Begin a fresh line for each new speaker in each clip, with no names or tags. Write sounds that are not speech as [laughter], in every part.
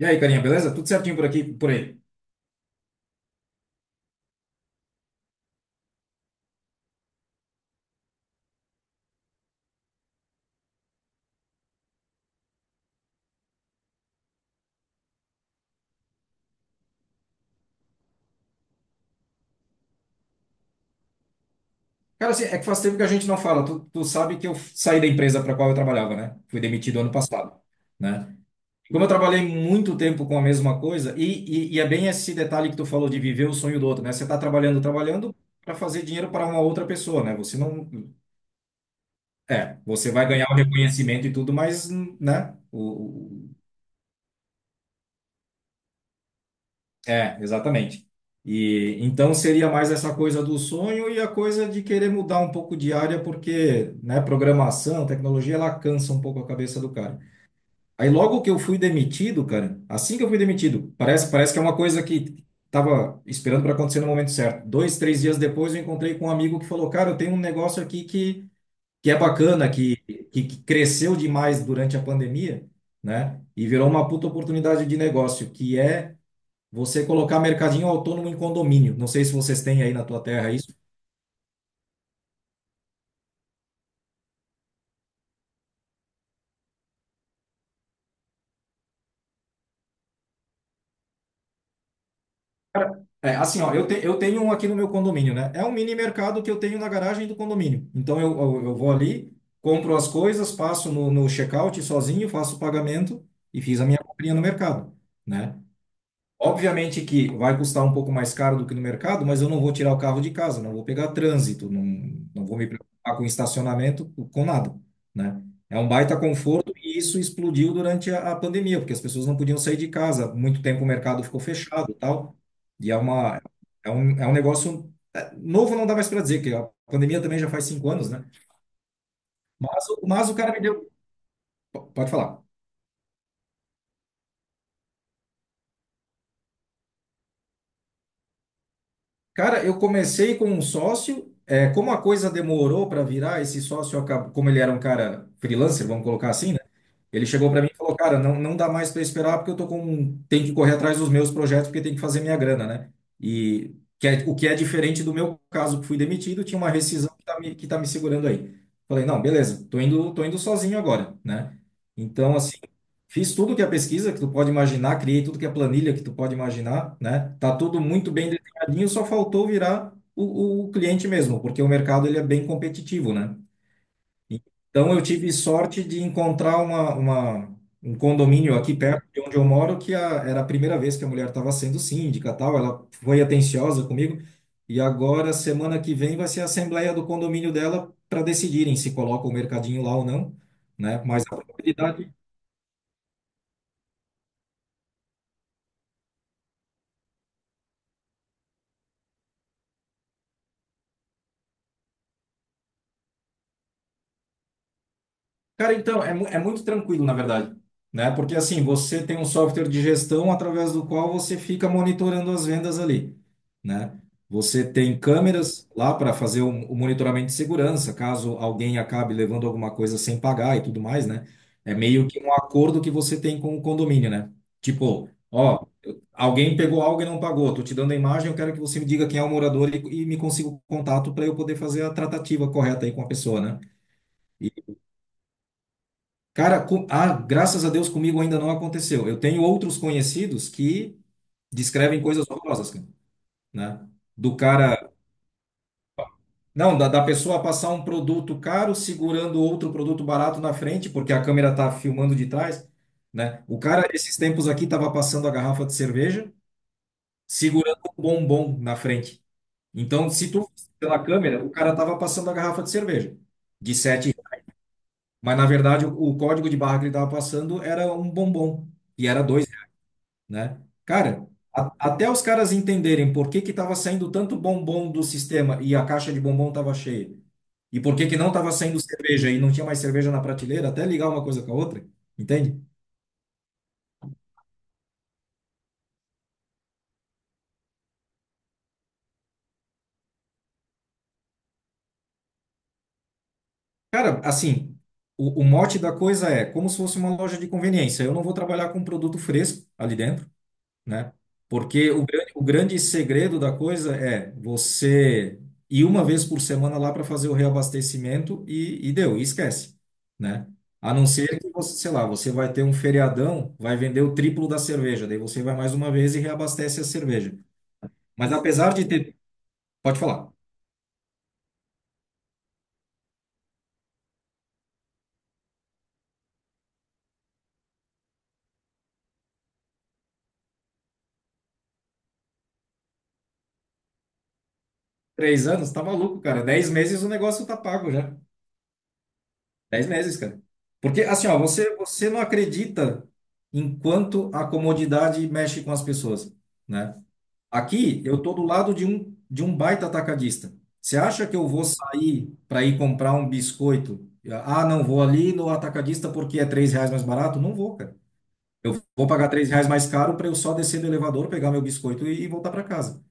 E aí, carinha, beleza? Tudo certinho por aqui, por aí. Cara, assim, é que faz tempo que a gente não fala. Tu sabe que eu saí da empresa para qual eu trabalhava, né? Fui demitido ano passado, né? Como eu trabalhei muito tempo com a mesma coisa, e é bem esse detalhe que tu falou de viver o sonho do outro, né? Você tá trabalhando, trabalhando para fazer dinheiro para uma outra pessoa, né? Você não. É, você vai ganhar o reconhecimento e tudo, mas, né? É, exatamente. E então seria mais essa coisa do sonho e a coisa de querer mudar um pouco de área, porque, né, programação, tecnologia, ela cansa um pouco a cabeça do cara. Aí logo que eu fui demitido, cara, assim que eu fui demitido, parece que é uma coisa que tava esperando para acontecer no momento certo. 2, 3 dias depois eu encontrei com um amigo que falou, cara, eu tenho um negócio aqui que é bacana, que cresceu demais durante a pandemia, né? E virou uma puta oportunidade de negócio, que é você colocar mercadinho autônomo em condomínio. Não sei se vocês têm aí na tua terra isso. Cara, é, assim, ó, eu tenho um aqui no meu condomínio, né? É um mini mercado que eu tenho na garagem do condomínio. Então eu vou ali, compro as coisas, passo no check-out sozinho, faço o pagamento e fiz a minha comprinha no mercado, né? Obviamente que vai custar um pouco mais caro do que no mercado, mas eu não vou tirar o carro de casa, não vou pegar trânsito, não, não vou me preocupar com estacionamento, com nada, né? É um baita conforto e isso explodiu durante a pandemia, porque as pessoas não podiam sair de casa, muito tempo o mercado ficou fechado e tal, e é uma, é um negócio novo, não dá mais para dizer, que a pandemia também já faz 5 anos, né? Mas, mas o cara me deu... Pode falar. Cara, eu comecei com um sócio. É, como a coisa demorou para virar, esse sócio acabou, como ele era um cara freelancer, vamos colocar assim, né? Ele chegou para mim e falou, cara, não, não dá mais para esperar porque tenho que correr atrás dos meus projetos porque tem que fazer minha grana, né? E o que é diferente do meu caso que fui demitido, tinha uma rescisão que que tá me segurando aí. Falei, não, beleza, tô indo sozinho agora, né? Então, assim, fiz tudo que é pesquisa que tu pode imaginar, criei tudo que é planilha que tu pode imaginar, né? Tá tudo muito bem mercadinho só faltou virar o cliente mesmo, porque o mercado ele é bem competitivo, né? Então eu tive sorte de encontrar um condomínio aqui perto de onde eu moro era a primeira vez que a mulher estava sendo síndica, tal. Ela foi atenciosa comigo e agora semana que vem vai ser a assembleia do condomínio dela para decidirem se coloca o mercadinho lá ou não, né? Mas a probabilidade... Cara, então, é muito tranquilo, na verdade, né? Porque assim, você tem um software de gestão através do qual você fica monitorando as vendas ali, né? Você tem câmeras lá para fazer o monitoramento de segurança, caso alguém acabe levando alguma coisa sem pagar e tudo mais, né? É meio que um acordo que você tem com o condomínio, né? Tipo, ó, alguém pegou algo e não pagou, tô te dando a imagem, eu quero que você me diga quem é o morador e me consiga o contato para eu poder fazer a tratativa correta aí com a pessoa, né? Cara, ah, graças a Deus comigo ainda não aconteceu. Eu tenho outros conhecidos que descrevem coisas horrorosas, cara, né? Do cara, não, da pessoa passar um produto caro segurando outro produto barato na frente, porque a câmera tá filmando de trás, né? O cara, esses tempos aqui, tava passando a garrafa de cerveja, segurando um bombom na frente. Então, se tu fosse pela câmera, o cara tava passando a garrafa de cerveja de sete, mas na verdade o código de barra que ele tava passando era um bombom e era dois, né? Cara, até os caras entenderem por que que estava saindo tanto bombom do sistema e a caixa de bombom estava cheia, e por que que não estava saindo cerveja e não tinha mais cerveja na prateleira, até ligar uma coisa com a outra, entende? Cara, assim, o mote da coisa é como se fosse uma loja de conveniência. Eu não vou trabalhar com produto fresco ali dentro, né? Porque o grande segredo da coisa é você ir uma vez por semana lá para fazer o reabastecimento e deu, e esquece, né? A não ser que você, sei lá, você vai ter um feriadão, vai vender o triplo da cerveja, daí você vai mais uma vez e reabastece a cerveja. Mas apesar de ter, pode falar, 3 anos, tá maluco, cara, 10 meses o negócio tá pago já. 10 meses, cara. Porque, assim, ó, você não acredita enquanto a comodidade mexe com as pessoas, né? Aqui, eu tô do lado de um baita atacadista. Você acha que eu vou sair para ir comprar um biscoito? Ah, não, vou ali no atacadista porque é R$ 3 mais barato? Não vou, cara. Eu vou pagar R$ 3 mais caro para eu só descer do elevador, pegar meu biscoito e voltar para casa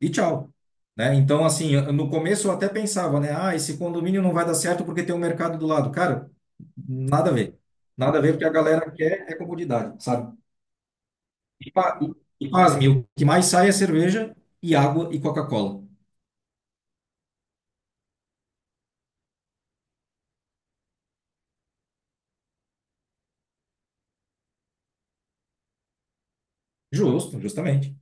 e tchau. Né? Então, assim, no começo eu até pensava, né? Ah, esse condomínio não vai dar certo porque tem um mercado do lado. Cara, nada a ver. Nada a ver, porque a galera quer é comodidade, sabe? E, pa- e pasme, o que mais sai é cerveja e água e Coca-Cola. Justo, justamente.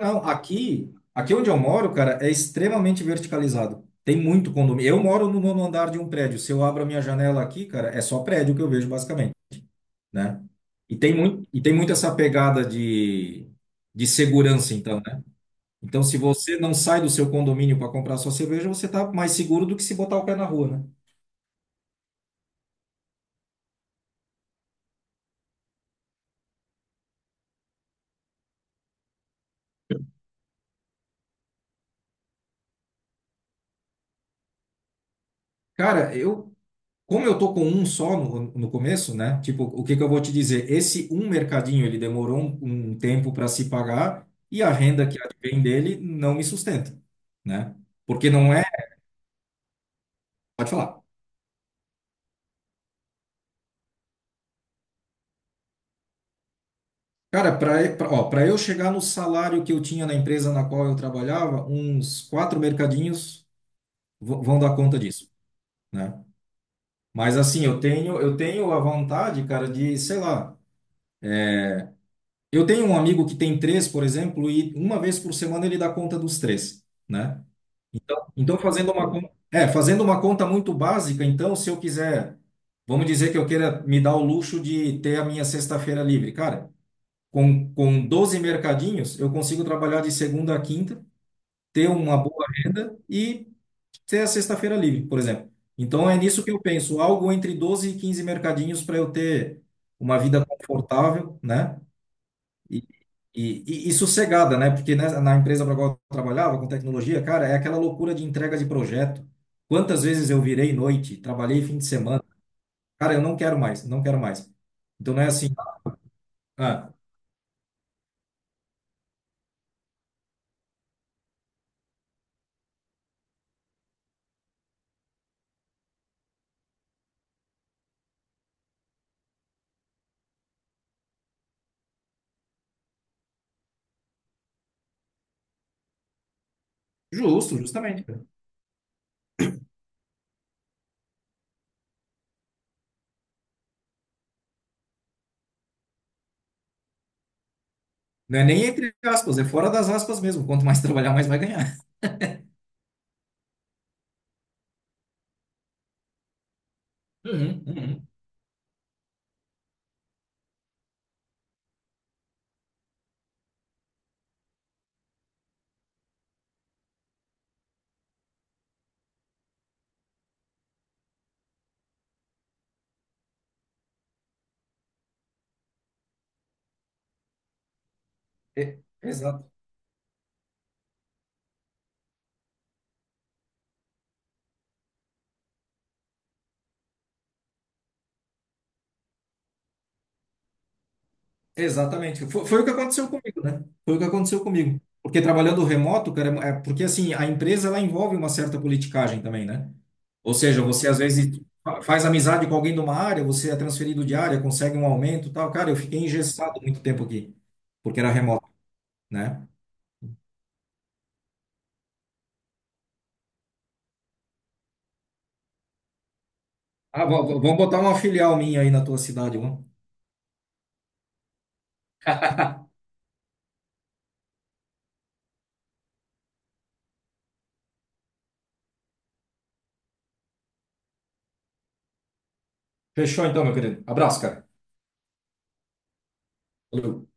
Não, aqui, aqui onde eu moro, cara, é extremamente verticalizado. Tem muito condomínio. Eu moro no nono andar de um prédio. Se eu abro a minha janela aqui, cara, é só prédio que eu vejo, basicamente, né? E tem muito essa pegada de segurança, então, né? Então, se você não sai do seu condomínio para comprar sua cerveja, você tá mais seguro do que se botar o pé na rua, né? Cara, eu, como eu tô com um só no começo, né? Tipo, o que que eu vou te dizer? Esse um mercadinho, ele demorou um tempo para se pagar e a renda que advém dele não me sustenta, né? Porque não é, pode falar. Cara, para eu chegar no salário que eu tinha na empresa na qual eu trabalhava, uns quatro mercadinhos vão dar conta disso, né? Mas assim, eu tenho a vontade, cara, de, sei lá, eu tenho um amigo que tem três, por exemplo, e uma vez por semana ele dá conta dos três, né? Então, então fazendo uma conta muito básica, então, se eu quiser, vamos dizer que eu queira me dar o luxo de ter a minha sexta-feira livre, cara. Com 12 mercadinhos, eu consigo trabalhar de segunda a quinta, ter uma boa renda e ter a sexta-feira livre, por exemplo. Então é nisso que eu penso, algo entre 12 e 15 mercadinhos para eu ter uma vida confortável, né? E, e sossegada, né? Porque né, na empresa para qual eu trabalhava, com tecnologia, cara, é aquela loucura de entrega de projeto. Quantas vezes eu virei noite, trabalhei fim de semana. Cara, eu não quero mais, não quero mais. Então não é assim. Ah, justo, justamente. Não é nem entre aspas, é fora das aspas mesmo. Quanto mais [laughs] trabalhar, mais vai ganhar. Uhum, uhum. É, exato, exatamente. Foi o que aconteceu comigo, né? Foi o que aconteceu comigo. Porque trabalhando remoto, cara, porque assim, a empresa ela envolve uma certa politicagem também, né? Ou seja, você às vezes faz amizade com alguém de uma área, você é transferido de área, consegue um aumento, e tal. Cara, eu fiquei engessado muito tempo aqui, porque era remoto, né? Ah, vamos botar uma filial minha aí na tua cidade, vamos. Fechou então, meu querido. Abraço, cara. Valeu.